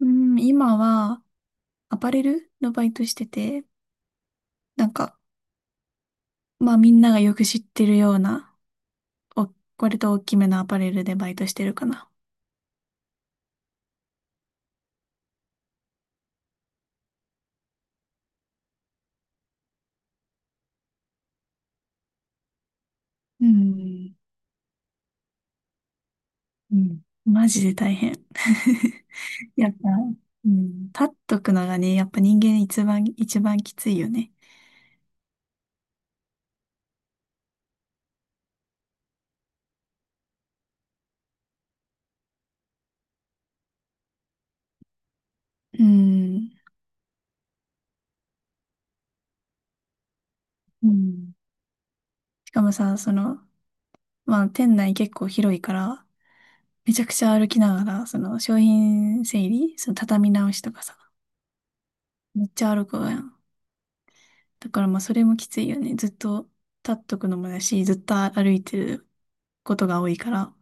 うん、今はアパレルのバイトしてて、なんか、まあみんながよく知ってるような、お、割と大きめのアパレルでバイトしてるかな。うん、うん、マジで大変。やっぱ、うん、立っとくのがね、やっぱ人間一番きついよね。うん、うん。しかもさ、その、まあ店内結構広いから、めちゃくちゃ歩きながら、その商品整理、その畳み直しとかさ、めっちゃ歩くわやん。だからまあそれもきついよね。ずっと立っとくのもだし、ずっと歩いてることが多いから。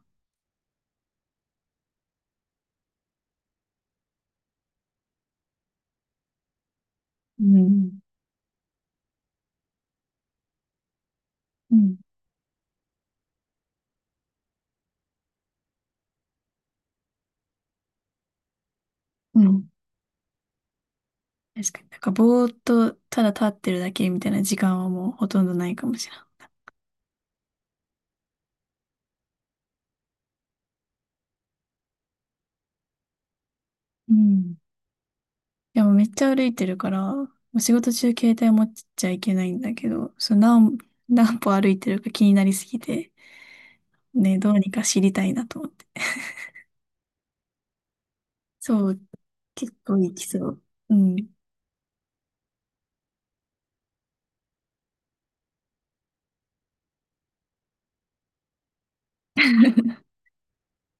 うん。うん。うん。確かに。なんかぼーっとただ立ってるだけみたいな時間はもうほとんどないかもしれない。うん、いやもうめっちゃ歩いてるから、もう仕事中携帯持っちゃいけないんだけど、何歩歩いてるか気になりすぎて、ね、どうにか知りたいなと思って。そう、結構行きそう。うん。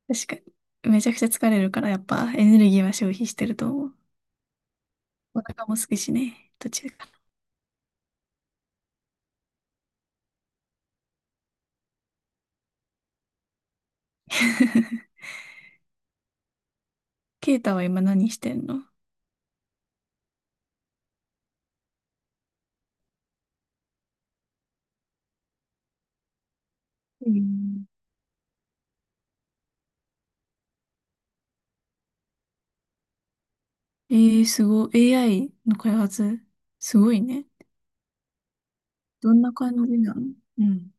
確かに。めちゃくちゃ疲れるから、やっぱエネルギーは消費してると思う。お腹も空くしね、途中から。ケイタは今何してんの？うん、えー、すごい。AI の開発、すごいね。どんな感じなの？うん。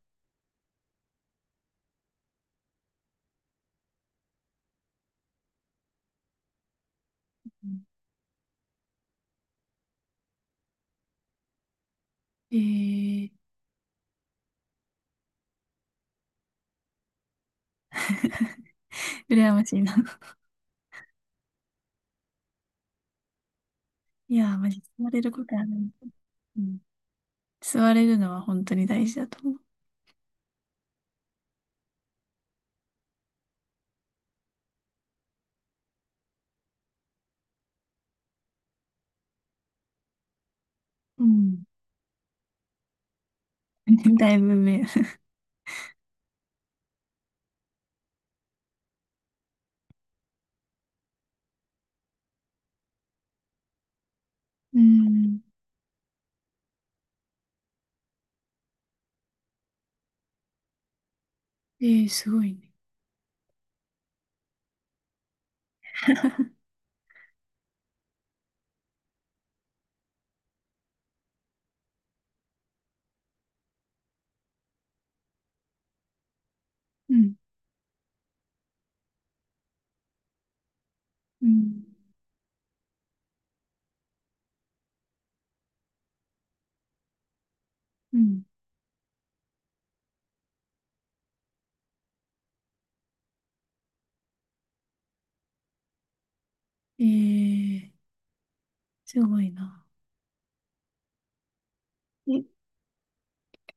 うん、えー、羨ましいな。いやー、マジ、座れることはない。うん。座れるのは本当に大事だと思う。うん。 だいぶ目。うん。えー、すごいね。うん。うんうんうん。えー、すごいな。え、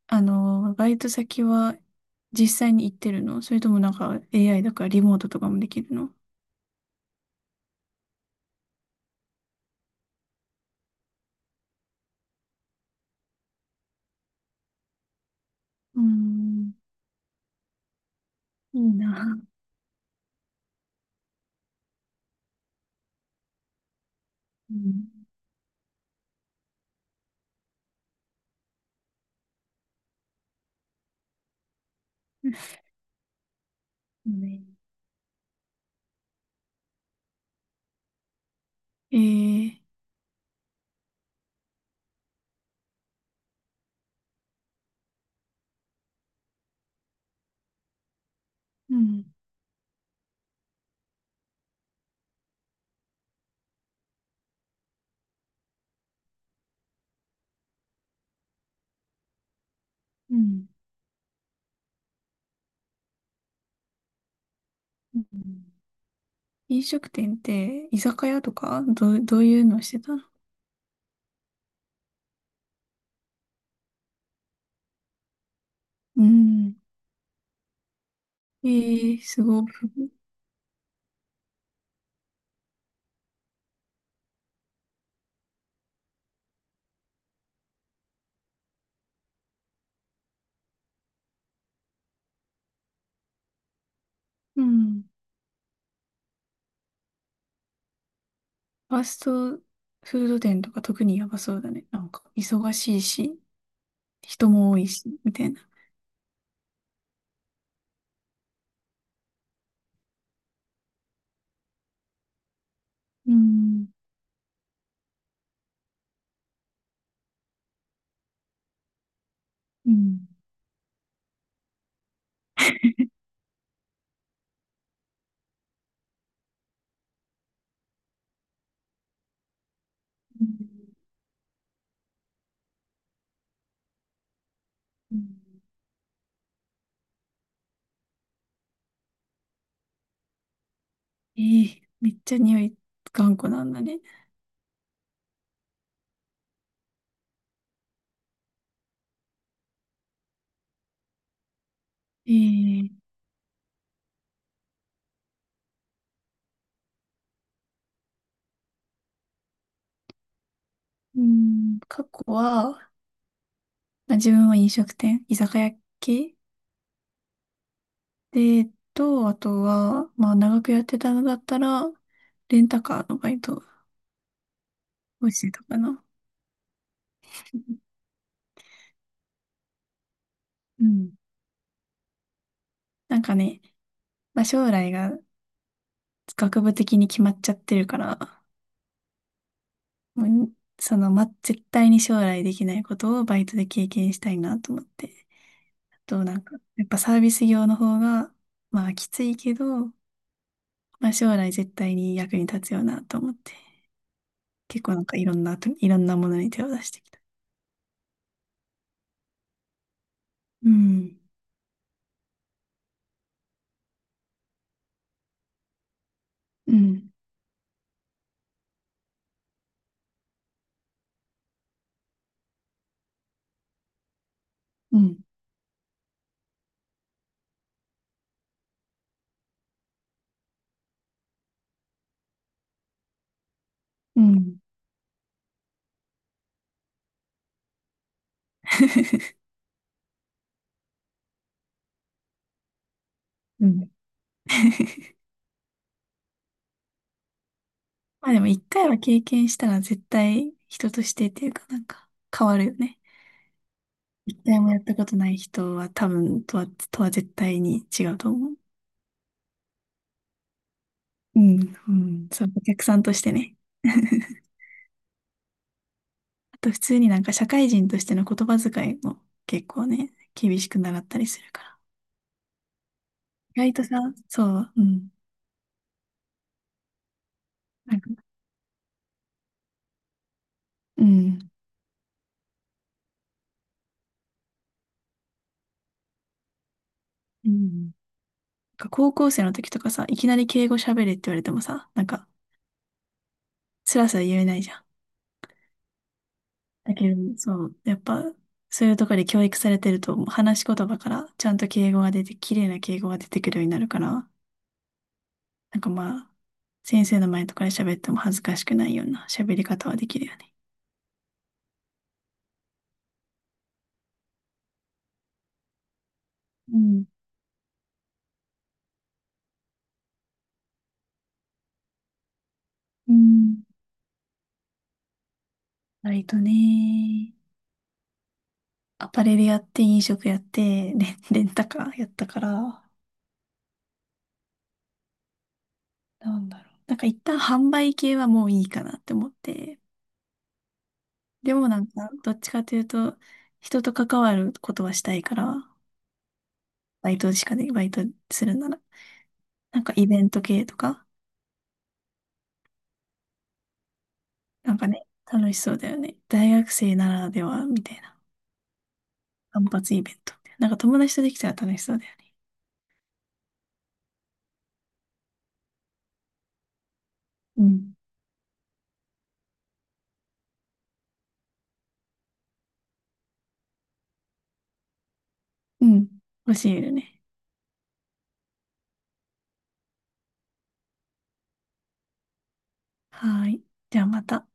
あの、バイト先は実際に行ってるの、それともなんか AI だからリモートとかもできるの？うーん、いいな。うん。ねえー、うん、うん。うん。飲食店って居酒屋とかどういうのしてたの？うん。えー、すごい。うん。ファストフード店とか特にやばそうだね。なんか忙しいし、人も多いし、みたいな。うんうんうんうん、えー、めっちゃ匂い頑固なんだね。えー、うん、過去は、まあ、自分は飲食店、居酒屋系で、えっと、あとは、まあ、長くやってたのだったら、レンタカーのバイトをしてたかな。うん。なんかね、まあ、将来が学部的に決まっちゃってるから、もうその、ま、絶対に将来できないことをバイトで経験したいなと思って。と、なんか、やっぱサービス業の方が、まあ、きついけど、まあ、将来絶対に役に立つよなと思って、結構いろんなものに手を出してきた。うん、うん、うん、うん。うん。 まあでも一回は経験したら絶対人としてっていうかなんか変わるよね。一回もやったことない人は多分とは絶対に違うと思う。うん、うん、そう、お客さんとしてね。あと普通になんか社会人としての言葉遣いも結構ね、厳しく習ったりするから。意外とさ、そう、うん。なんか、うん。うん。なんか高校生の時とかさ、いきなり敬語喋れって言われてもさ、なんか、スラスラ言えないじゃん。だけど、そう、やっぱ、そういうところで教育されてると、話し言葉からちゃんと敬語が出て、綺麗な敬語が出てくるようになるから、なんかまあ、先生の前とかで喋っても恥ずかしくないような喋り方はできるよね。うん。うん。割とね。アパレルやって、飲食やって、レン、レンタカーやったから、なんだろう。なんか一旦販売系はもういいかなって思って。でもなんか、どっちかというと、人と関わることはしたいから、バイトするなら。なんかイベント系とか、なんかね、楽しそうだよね。大学生ならでは、みたいな。単発イベントみたいな。なんか友達とできたら楽しそうだよね。うん。うん。欲しいよね。はーい。じゃあまた。